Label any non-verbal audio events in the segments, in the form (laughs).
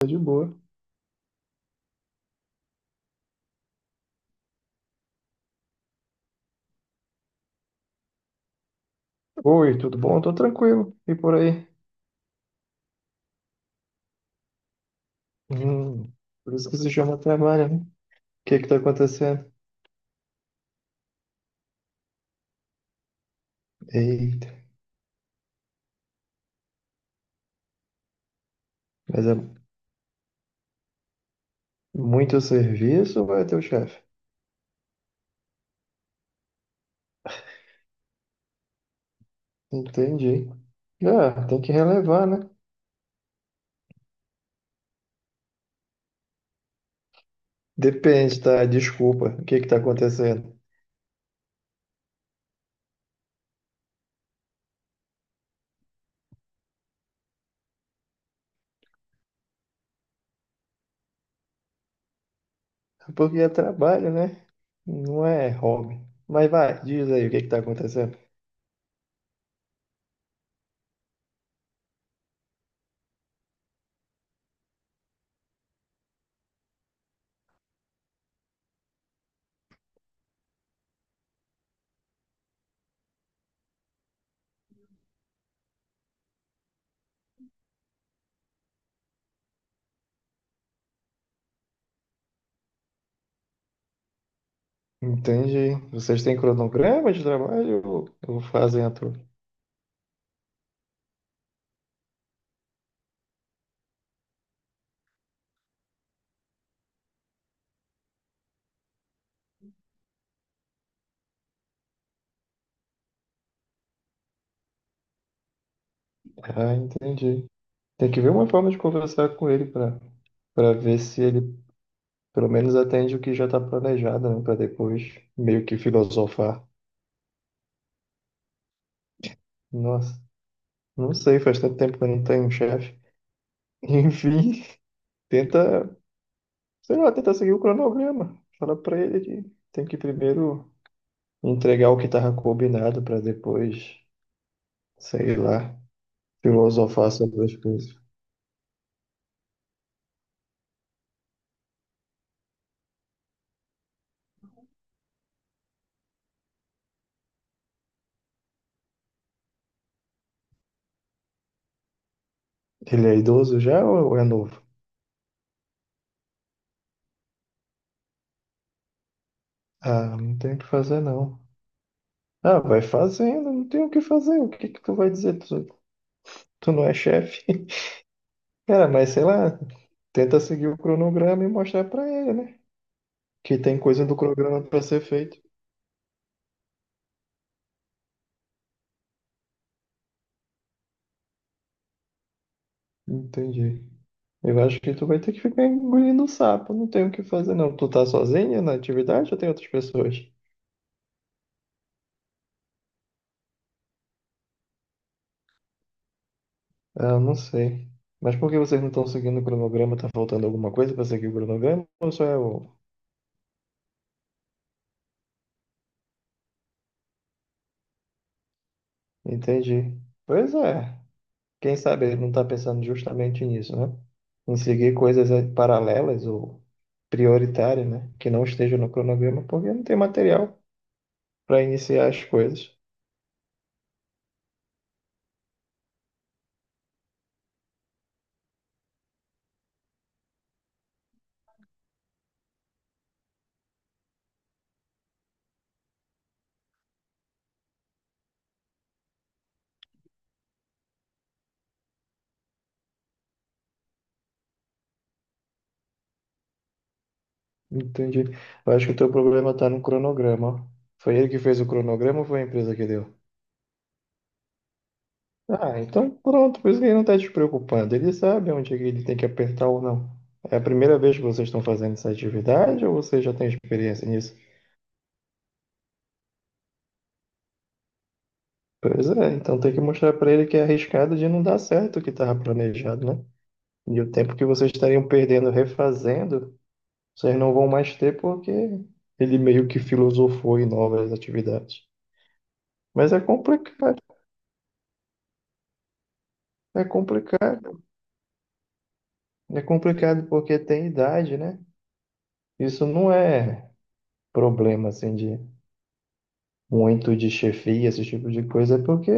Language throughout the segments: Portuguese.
Tá de boa. Oi, tudo bom? Tô tranquilo. E por aí? Hum, por isso que se chama trabalho, né? O que que tá acontecendo? Eita, mas é muito serviço ou é teu chefe? Entendi. Ah, tem que relevar, né? Depende, tá? Desculpa. O que que tá acontecendo? É porque é trabalho, né? Não é hobby. Mas vai, diz aí o que que tá acontecendo. Entendi. Vocês têm cronograma de trabalho ou fazem a toa? Ah, entendi. Tem que ver uma forma de conversar com ele para ver se ele pelo menos atende o que já está planejado, né? Para depois meio que filosofar. Nossa, não sei, faz tanto tempo que eu não tenho um chefe. (laughs) Enfim, tenta, sei lá, tenta seguir o cronograma. Fala para ele que tem que primeiro entregar o que estava combinado para depois, sei lá, filosofar sobre as coisas. Ele é idoso já ou é novo? Ah, não tem o que fazer, não. Ah, vai fazendo, não tem o que fazer. O que que tu vai dizer? Tu não é chefe? (laughs) Cara, mas sei lá, tenta seguir o cronograma e mostrar pra ele, né? Que tem coisa do cronograma pra ser feito. Entendi. Eu acho que tu vai ter que ficar engolindo o sapo. Não tem o que fazer, não. Tu tá sozinho na atividade ou tem outras pessoas? Ah, eu não sei. Mas por que vocês não estão seguindo o cronograma? Tá faltando alguma coisa pra seguir o cronograma? Ou só é o. Entendi. Pois é. Quem sabe ele não está pensando justamente nisso, né? Em seguir coisas paralelas ou prioritárias, né? Que não estejam no cronograma, porque não tem material para iniciar as coisas. Entendi. Eu acho que o teu problema está no cronograma. Foi ele que fez o cronograma ou foi a empresa que deu? Ah, então pronto, por isso que ele não está te preocupando. Ele sabe onde é que ele tem que apertar ou não. É a primeira vez que vocês estão fazendo essa atividade ou você já tem experiência nisso? Pois é, então tem que mostrar para ele que é arriscado de não dar certo o que estava planejado, né? E o tempo que vocês estariam perdendo refazendo, vocês não vão mais ter porque ele meio que filosofou em novas atividades. Mas é complicado, é complicado, é complicado porque tem idade, né? Isso não é problema assim de muito de chefia, esse tipo de coisa, é porque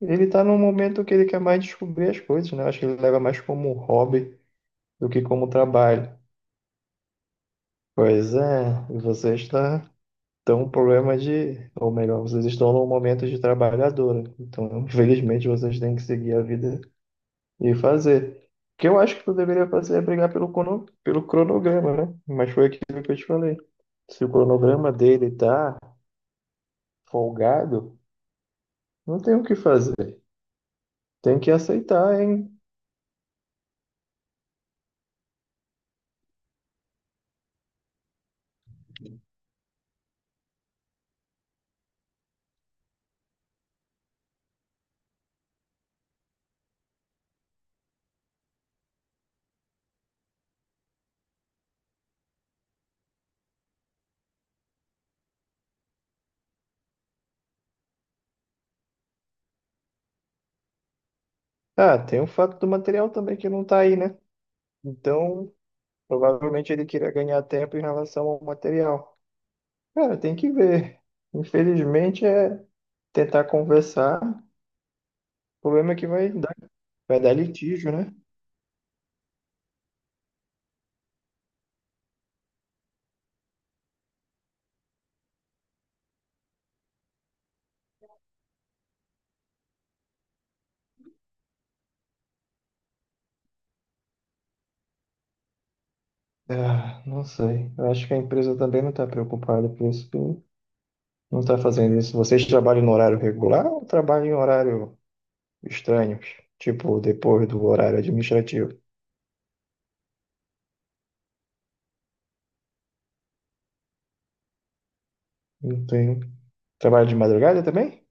ele tá num momento que ele quer mais descobrir as coisas, né? Acho que ele leva mais como um hobby do que como trabalho. Pois é, você está estão um problema de, ou melhor, vocês estão num momento de trabalhadora. Então, infelizmente, vocês têm que seguir a vida e fazer. O que eu acho que tu deveria fazer é brigar pelo cronograma, né? Mas foi aquilo que eu te falei. Se o cronograma dele tá folgado, não tem o que fazer. Tem que aceitar, hein? Ah, tem o fato do material também que não tá aí, né? Então, provavelmente ele queria ganhar tempo em relação ao material. Cara, tem que ver. Infelizmente, é tentar conversar. O problema é que vai dar litígio, né? Ah, não sei. Eu acho que a empresa também não está preocupada com isso. que Não está fazendo isso. Vocês trabalham no horário regular ou trabalham em horário estranho? Tipo, depois do horário administrativo? Não tem. Trabalho de madrugada também?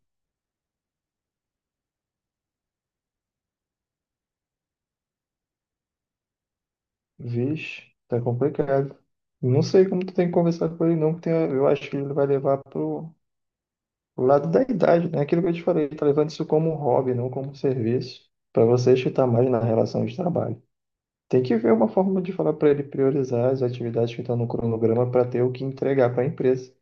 Vixe, tá complicado. Não sei como tu tem que conversar com ele, não, porque eu acho que ele vai levar o lado da idade, né? Aquilo que eu te falei, tá levando isso como um hobby, não como um serviço, para você chutar mais na relação de trabalho. Tem que ver uma forma de falar para ele priorizar as atividades que estão no cronograma para ter o que entregar para a empresa.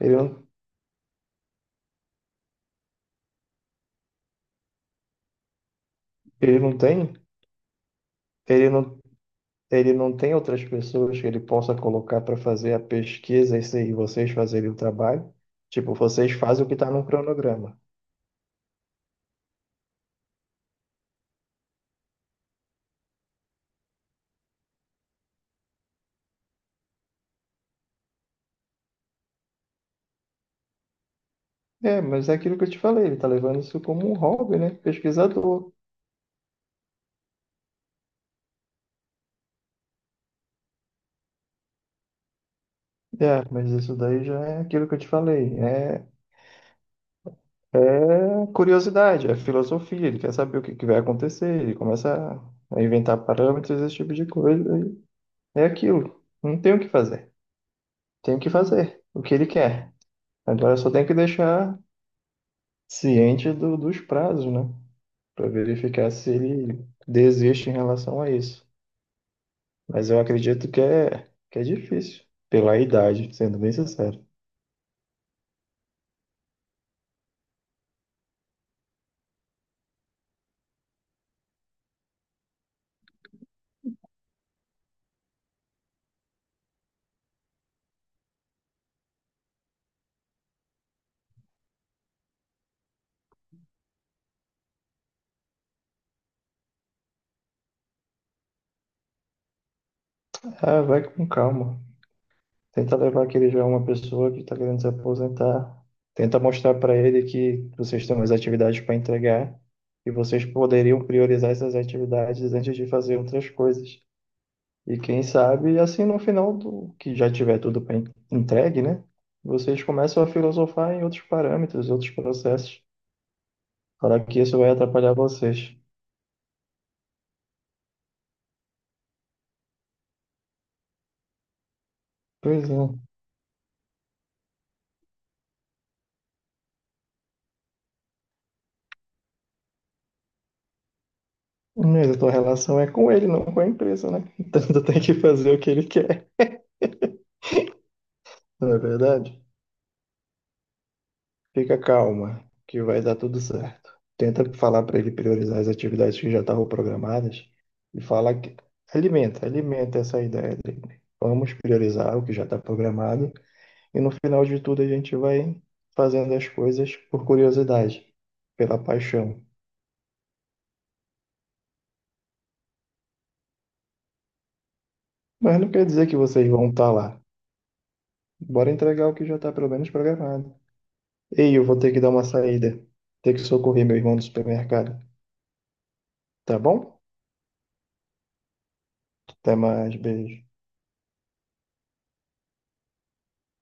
Ele não, ele não tem, ele não, ele não tem outras pessoas que ele possa colocar para fazer a pesquisa e e vocês fazerem o trabalho. Tipo, vocês fazem o que está no cronograma. É, mas é aquilo que eu te falei, ele tá levando isso como um hobby, né? Pesquisador. É, mas isso daí já é aquilo que eu te falei. É curiosidade, é filosofia. Ele quer saber o que que vai acontecer. Ele começa a inventar parâmetros, esse tipo de coisa, e é aquilo. Não tem o que fazer. Tem que fazer o que ele quer. Agora só tem que deixar ciente dos prazos, né? Para verificar se ele desiste em relação a isso. Mas eu acredito que é difícil. Pela idade, sendo bem sincero. Ah, vai com calma. Tenta levar que ele já é uma pessoa que está querendo se aposentar. Tenta mostrar para ele que vocês têm umas atividades para entregar e vocês poderiam priorizar essas atividades antes de fazer outras coisas. E quem sabe, assim, no final do que já tiver tudo pra entregue, né? Vocês começam a filosofar em outros parâmetros, outros processos, para que isso vai atrapalhar vocês. Pois é. Mas a tua relação é com ele, não com a empresa, né? (laughs) Então tu tem que fazer o que ele quer, não é verdade? Fica calma, que vai dar tudo certo. Tenta falar para ele priorizar as atividades que já estavam programadas e fala que alimenta essa ideia dele. Vamos priorizar o que já está programado e no final de tudo a gente vai fazendo as coisas por curiosidade, pela paixão. Mas não quer dizer que vocês vão estar lá. Bora entregar o que já está pelo menos programado. Ei, eu vou ter que dar uma saída, ter que socorrer meu irmão no supermercado, tá bom? Até mais, beijo.